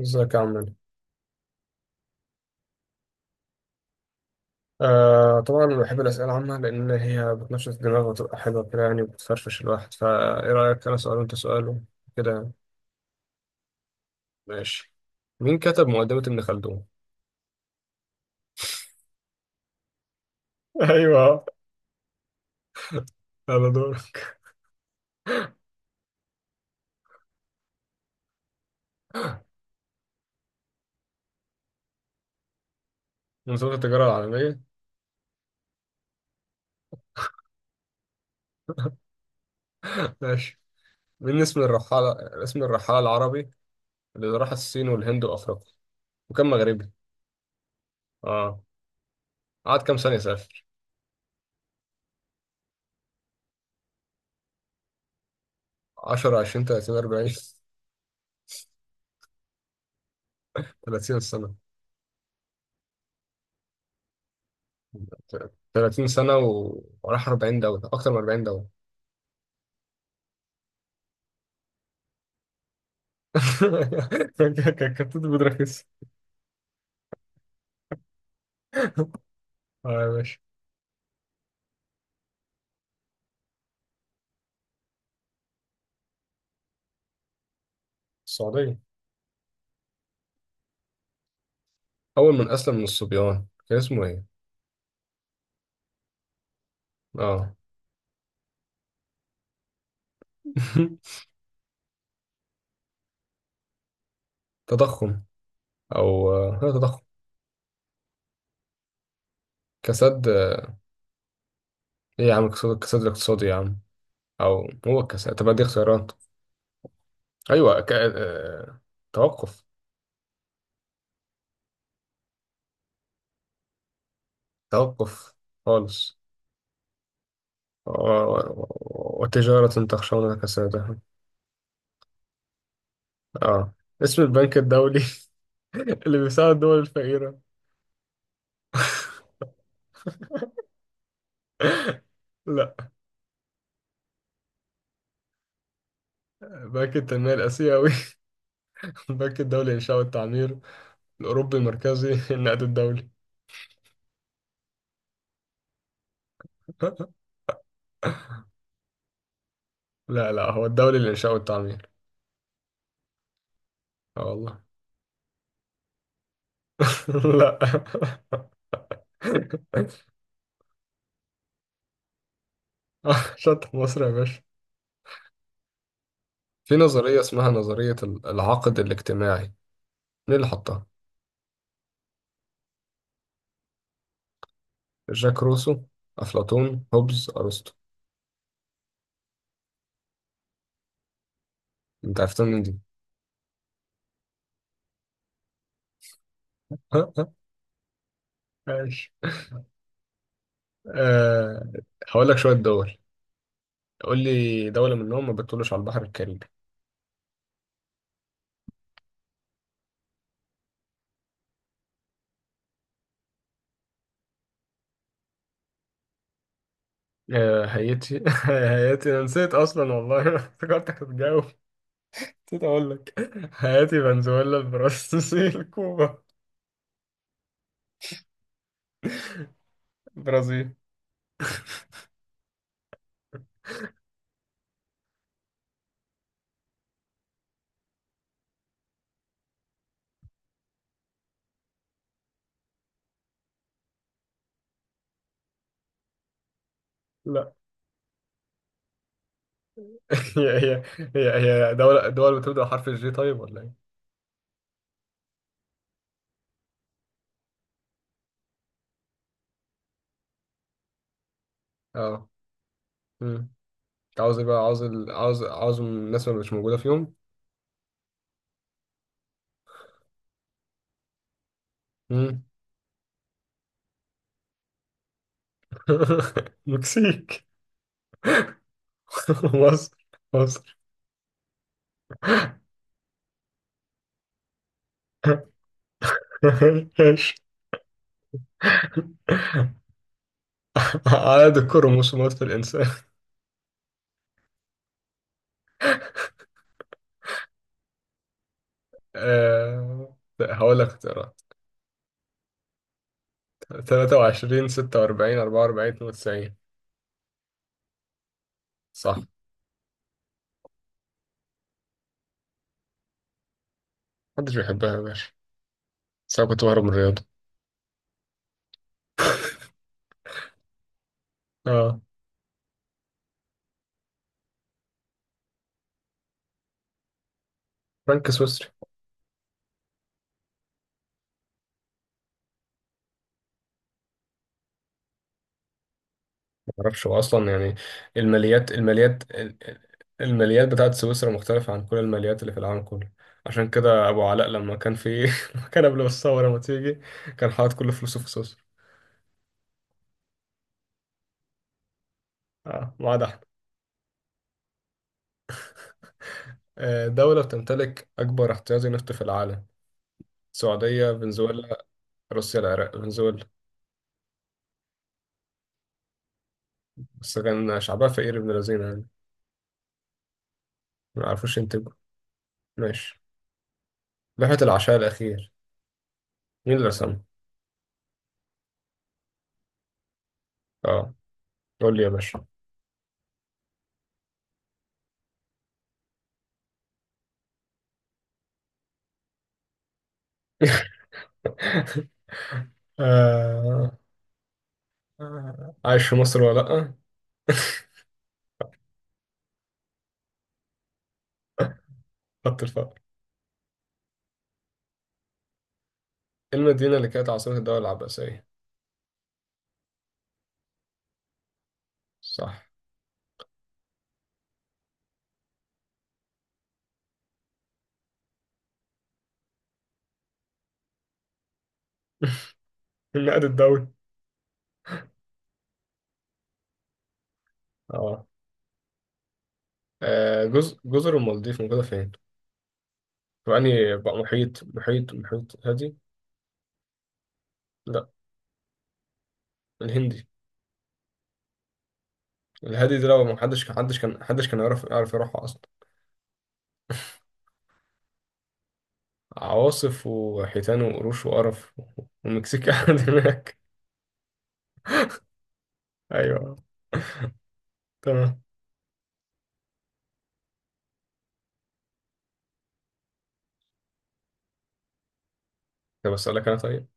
ازيك يا عمنا. طبعا أنا بحب الأسئلة العامة لأن هي بتنشط الدماغ وتبقى حلوة كده يعني وبتفرفش الواحد، فإيه رأيك؟ أنا سؤال وأنت سؤال كده يعني؟ ماشي. مين كتب مقدمة ابن خلدون؟ ايوه، على دورك. منظومة التجارة العالمية. ماشي، مين اسم الرحالة، اسم الرحالة العربي اللي راح الصين والهند وأفريقيا وكان مغربي؟ اه، قعد كام سنة يسافر؟ 10، 20، 30، 40. 30 سنة. 30 سنة، و- وراح 40 دولة، أكتر من 40 دولة. كابتن بودراكس. اه يا باشا. السعودية. أول من أسلم من الصبيان كان اسمه إيه؟ آه. تضخم. أو لا، تضخم، كساد. إيه يا عم، كساد الاقتصادي يا عم. أو هو الكساد. طب دي اختيارات. أيوه، توقف. توقف خالص. و... و- وتجارة تخشون كسادها. آه. اسم البنك الدولي، اللي بيساعد الدول الفقيرة. لا. بنك التنمية الآسيوي، البنك الدولي للإنشاء والتعمير، الأوروبي المركزي، النقد الدولي. لا لا، هو الدولي للإنشاء والتعمير. اه والله. لا. شطح مصر يا باشا. في نظرية اسمها نظرية العقد الاجتماعي، مين اللي حطها؟ جاك روسو، أفلاطون، هوبز، أرسطو. أنت عرفتها من دي. ماشي. أه، هقول لك شوية دول، قول لي دولة منهم ما بتطلش على البحر الكاريبي. هايتي. هايتي، انا نسيت اصلا والله. افتكرتك هتجاوب، نسيت اقول لك. هاتي، فنزويلا، البرازيل، كوبا. البرازيل. لا. هي هي، هي، هي دولة، دول بتبدأ حرف الجي طيب ولا ايه؟ اه. مم. انت عاوز ايه بقى، عاوز ال... عاوز عاوز الناس اللي مش موجودة فيهم. مم. مكسيك. مصر. مصر. ايش. عدد الكروموسومات في الإنسان. هقول لك اختيارات: 23، 46، 44، 92. صح. محدش بيحبها يا باشا، بس انا كنت بهرب من الرياضه. اه. فرانك سويسري. ما اعرفش هو اصلا يعني. الماليات الماليات بتاعت سويسرا مختلفه عن كل الماليات اللي في العالم كله. عشان كده ابو علاء لما كان في، لما كان قبل ما الثوره ما تيجي، كان حاطط كل فلوسه في سويسرا. اه، ما عدا احنا. دولة بتمتلك أكبر احتياطي نفط في العالم. السعودية، فنزويلا، روسيا، العراق، فنزويلا. بس كان شعبها فقير ابن لذين يعني، ما يعرفوش ينتجوا. ماشي. لوحة العشاء الأخير، مين اللي رسمها؟ اه. قول لي يا باشا. آه، عايش في مصر ولا لأ؟ خط الفقر. المدينة اللي كانت عاصمة الدولة العباسية. صح. النقد الدولي. اه. جزر، جزر المالديف موجودة فين؟ يعني بقى، محيط هادي؟ لا، الهندي. الهادي ده لو محدش كان، حدش كان يعرف، يروحها أصلا. عواصف وحيتان وقروش وقرف، والمكسيك قاعد هناك. أيوه. تمام. طب أسألك أنا طيب.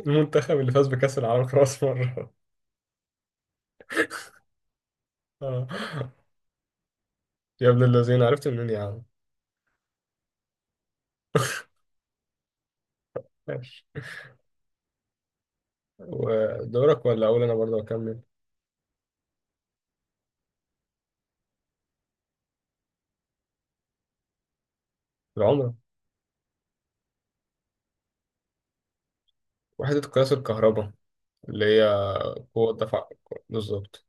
المنتخب اللي فاز بكأس العالم خلاص مرة. آه. يا ابن الذين عرفت منين يا عم. ماشي، ودورك ولا اقول انا برضه اكمل؟ العمره. وحده قياس الكهرباء اللي هي قوه دفع. بالظبط.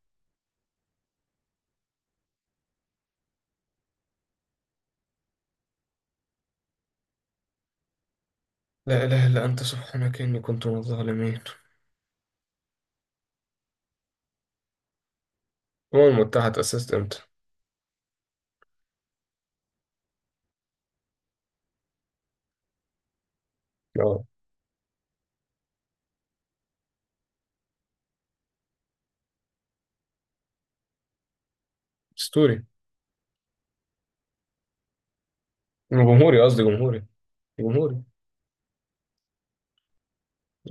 لا اله الا انت سبحانك اني كنت من الظالمين. الامم المتحده تاسست امتى؟ اه. اسطوري. جمهوري، قصدي جمهوري. جمهوري.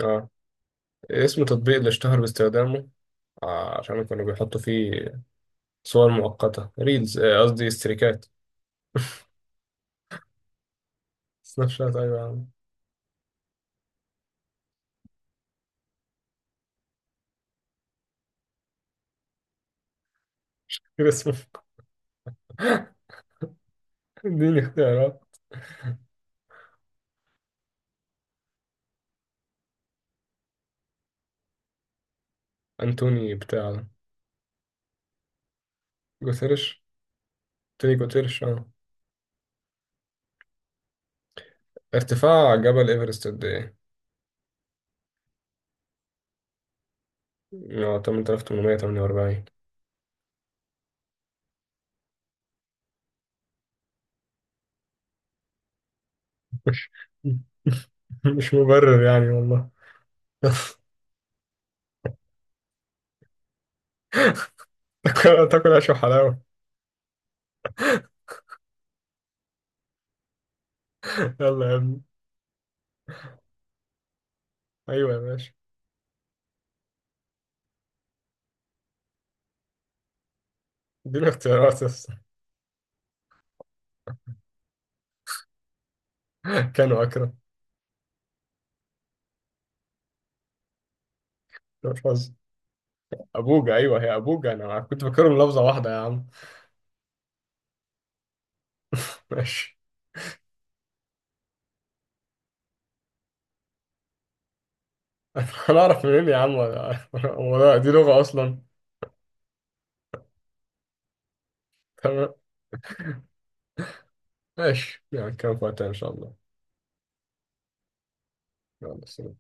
اه. اسم تطبيق اللي اشتهر باستخدامه، عشان كانوا بيحطوا فيه صور مؤقته، ريلز، قصدي استريكات. سناب شات ايوه يا عم. كده اسمه. اديني اختيارات. انتوني بتاع، جوثيرش. توني جوثيرش اه. ارتفاع جبل إيفرست قد إيه؟ اه، 8848. مش مبرر يعني والله. تاكل عيش وحلاوة. يلا يا ابني. أيوة يا باشا. اديني اختيارات بس. كانوا أكرم. ده مش حظ. أبوجا، أيوة هي أبوجا. أنا كنت فاكرهم لفظة واحدة يا عم. ماشي. أنا أعرف منين يا عم. ولا، ولا دي لغة أصلا. تمام. ماشي يعني، كان وقتها إن شاء الله. يلا سلام.